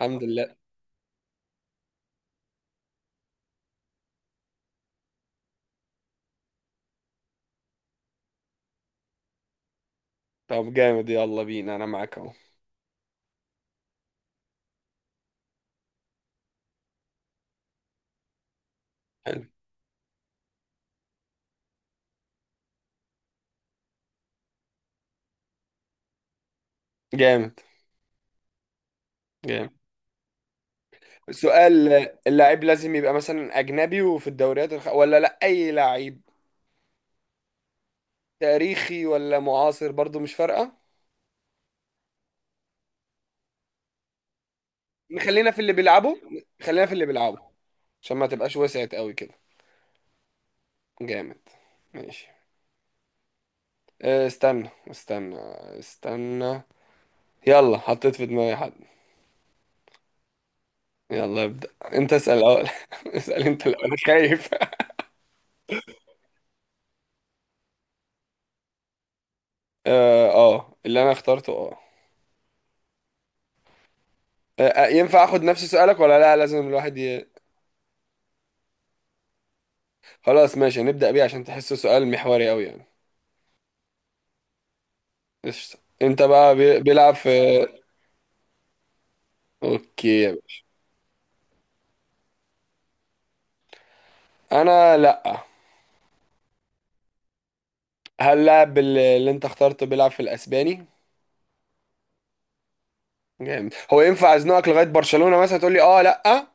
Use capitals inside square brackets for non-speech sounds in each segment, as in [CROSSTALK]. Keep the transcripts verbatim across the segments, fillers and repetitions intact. الحمد لله. طب جامد، يلا بينا، انا معاك اهو. حلو. جامد. جامد. سؤال. اللاعب لازم يبقى مثلا اجنبي وفي الدوريات الخ... ولا لا اي لاعب؟ تاريخي ولا معاصر؟ برضو مش فارقة. خلينا في اللي بيلعبوا. خلينا في اللي بيلعبوا عشان ما تبقاش وسعت قوي كده. جامد. ماشي. أه، استنى استنى. استنى. يلا حطيت في دماغي حد. يلا ابدأ. انت اسأل الاول [LAUGHS] اسأل انت الاول، أنا خايف [LAUGHS] اه آه، اللي انا اخترته اه. آه، أه، ينفع اخد نفس سؤالك ولا لا؟ لازم الواحد ي... خلاص ماشي، هنبدأ بيه عشان تحسه سؤال محوري قوي يعني. قشطة. انت بقى بي... بيلعب في اوكي يا باشا. انا لا. هل لاعب بال- اللي انت اخترته بيلعب في الاسباني؟ جامد. هو ينفع ازنقك لغاية برشلونة مثلا تقول لي اه لا؟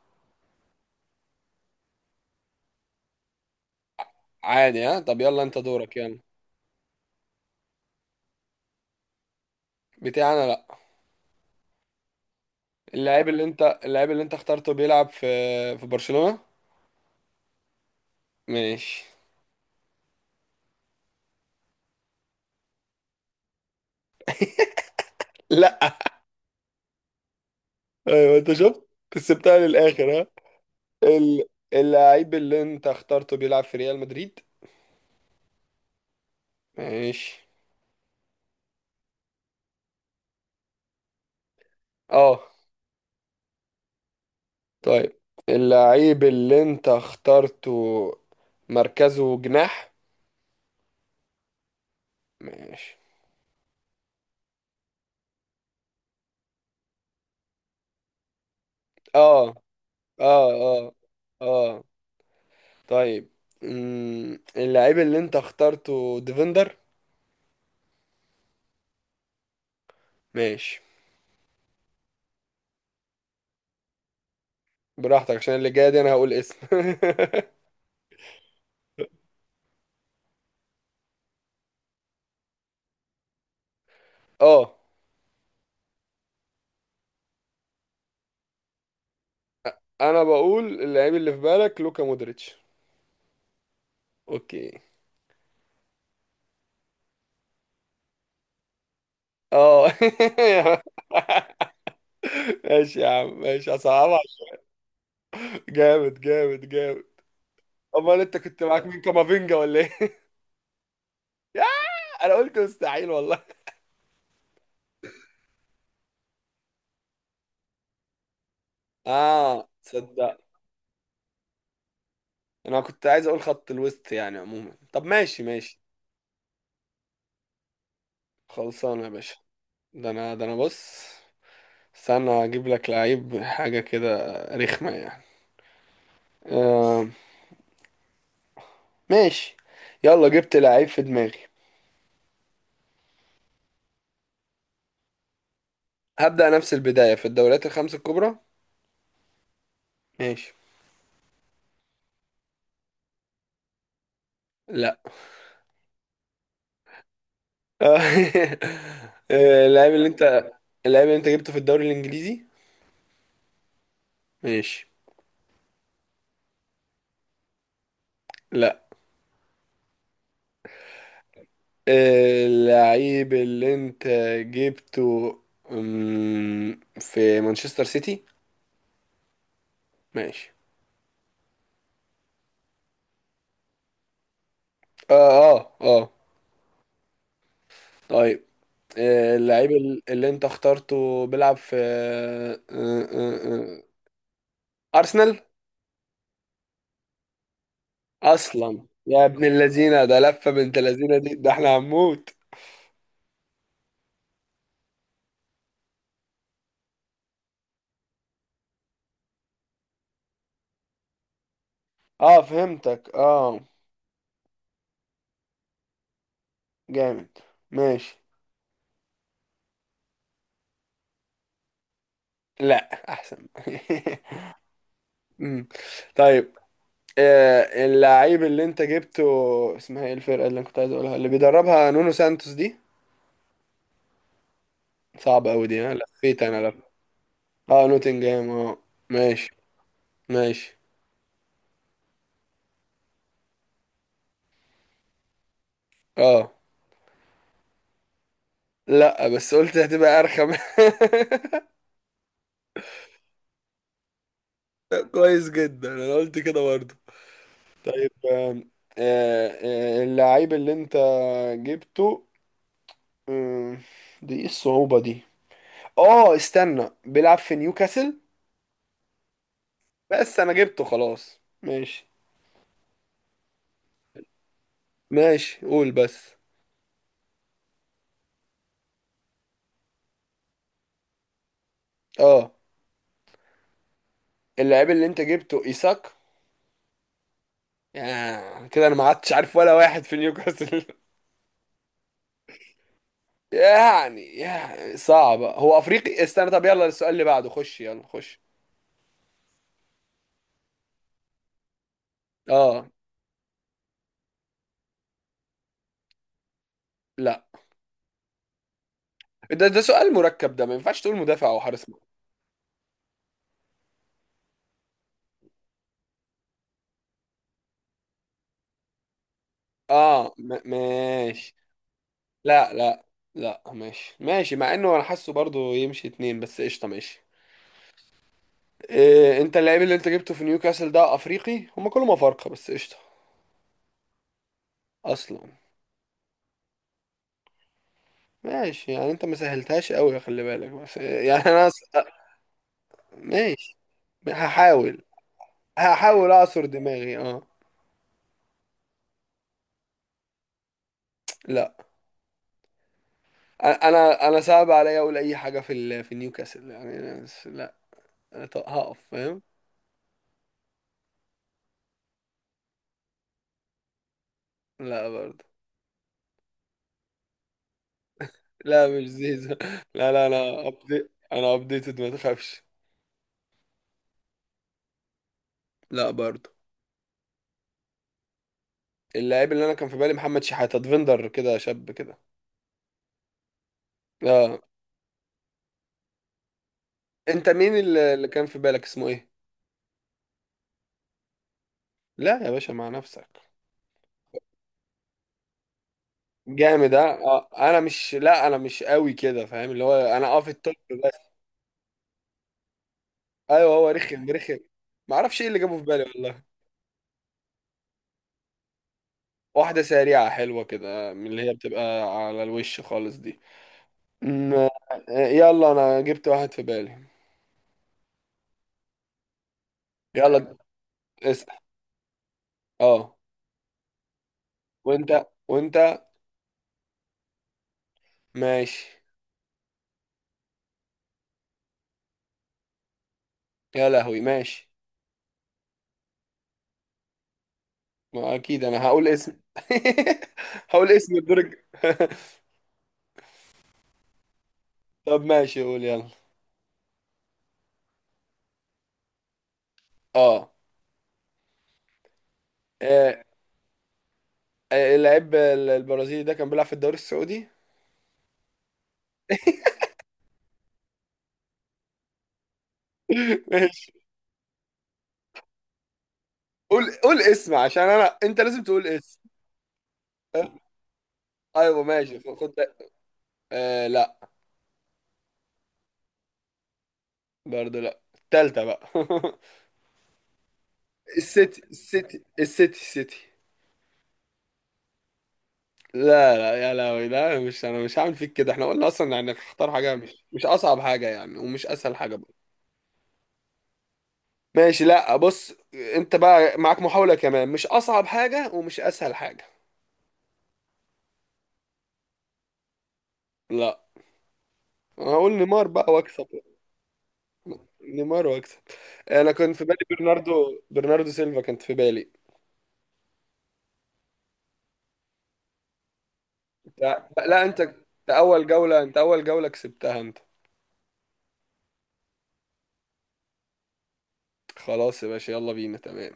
عادي. ها طب يلا انت دورك يلا. بتاعي انا لا. اللاعب اللي انت اللاعب اللي انت اخترته بيلعب في في برشلونة. ماشي. لا. ايوه انت شفت كسبتها للاخر. ال... اللعيب اللي انت اخترته بيلعب في ريال مدريد. ماشي. اه. طيب. اللعيب اللي انت اخترته مركزه جناح. ماشي. اه اه اه. اه. طيب. مم، اللعيب اللي انت اخترته ديفندر. ماشي. براحتك عشان اللي جاي دي انا هقول اسم [LAUGHS] اه، انا بقول اللعيب اللي في بالك لوكا مودريتش. اوكي. اه [LAUGHS] ماشي يا عم، ماشي هصعبها. جامد جامد جامد. امال انت كنت معاك مين، كامافينجا ولا ايه [LAUGHS] يا، انا قلت مستحيل والله. اه تصدق، انا كنت عايز اقول خط الوسط يعني عموما. طب ماشي ماشي. خلصانه يا باشا. ده انا ده انا بص، استنى اجيب لك لعيب حاجه كده رخمه يعني. آه. ماشي. يلا جبت لعيب في دماغي. هبدأ نفس البدايه في الدوريات الخمس الكبرى. ماشي. لا [LAUGHS] آه، اللاعب اللي انت اللاعب اللي انت جبته في الدوري الانجليزي. ماشي. لا. اللعيب اللي انت جبته مم، في مانشستر سيتي. ماشي. اه اه اه. طيب. آه، اللعيب ال- اللي انت اخترته بيلعب في آه، آه، آه، ارسنال. اصلا يا ابن اللذينه، ده لفه بنت اللذينه دي، ده احنا هنموت. اه فهمتك اه. جامد. ماشي. لا، احسن [LAUGHS] مم. طيب. آه، اللعيب اللي انت جبته، اسمها ايه الفرقة اللي انا كنت عايز اقولها، اللي بيدربها نونو سانتوس دي؟ صعبة قوي دي، انا لفيت انا لف. اه نوتنجهام اه. ماشي. ماشي. اه. لا بس قلت هتبقى ارخم [LAUGHS] طب كويس جدا، انا قلت كده برضه. طيب. آم، آه، آه، اللعيب اللي انت جبته آم، دي ايه الصعوبة دي؟ اه استنى، بيلعب في نيوكاسل. بس انا جبته خلاص ماشي. ماشي قول بس. اه. اللاعب اللي انت جبته ايساك؟ يعني كده انا ما عدتش عارف ولا واحد في نيوكاسل [LAUGHS] يعني يعني صعب، هو افريقي استنى. طب يلا السؤال اللي بعده خش يلا خش. اه. لا، ده ده سؤال مركب، ده ما ينفعش تقول مدافع او حارس مرمى. اه م- ماشي. لا لا. لا ماشي ماشي، مع انه انا حاسه برضه يمشي اتنين بس قشطه ماشي. إيه، انت اللاعب اللي انت جبته في نيوكاسل ده افريقي، هما كلهم افارقه بس قشطه. اصلا. ماشي. يعني انت ما سهلتهاش قوي خلي بالك، بس يعني انا س... ماشي. هحاول. هحاول اعصر دماغي اه. لا. انا انا أنا صعب عليا اقول اي حاجه في ال... في نيوكاسل يعني بس لا. انا ط- هقف فاهم. لا برضه. لا مش زيزو [LAUGHS] لا لا، انا أبدي... انا ابديتد ما تخافش. لا برضه. اللاعب اللي انا كان في بالي محمد شحاته، ديفندر كده شاب كده. اه. انت مين اللي اللي كان في بالك اسمه ايه؟ لا يا باشا، مع نفسك. جامد. اه آه، انا مش، لا انا مش قوي كده فاهم، اللي هو انا اه في التوب بس. ايوه هو رخم رخم. ما اعرفش ايه اللي جابه في بالي والله. واحده سريعه حلوه كده من اللي هي بتبقى على الوش خالص دي. أم، آه، يلا انا جبت واحد في بالي. يلا. اسال. اه. وانت وانت. ماشي. يا لهوي ماشي. ما اكيد انا هقول اسم [LAUGHS] هقول اسم الدرج [LAUGHS] طب ماشي قول يلا. اه. آه، آه، اللعيب البرازيلي ده كان بيلعب في الدوري السعودي؟ [LAUGHS] ماشي. قول قول اسم عشان انا، انت لازم تقول اسم. أه؟ ايوه ماشي خ- خد ده. آه لا. برضه لا، التالتة بقى [LAUGHS] السيتي السيتي السيتي السيتي. لا لا يا لهوي، لا مش انا مش هعمل فيك كده، احنا قلنا اصلا يعني اختار حاجة مش مش اصعب حاجة يعني ومش اسهل حاجة برضه. ماشي. لا بص، انت بقى معاك محاولة كمان، مش اصعب حاجة ومش اسهل حاجة. لا انا هقول نيمار بقى واكسب. نيمار واكسب. انا كنت في بالي برناردو برناردو سيلفا كانت في بالي. لا, لا، انت انت اول جولة، انت اول جولة كسبتها انت. خلاص يا باشا، يلا بينا تمام.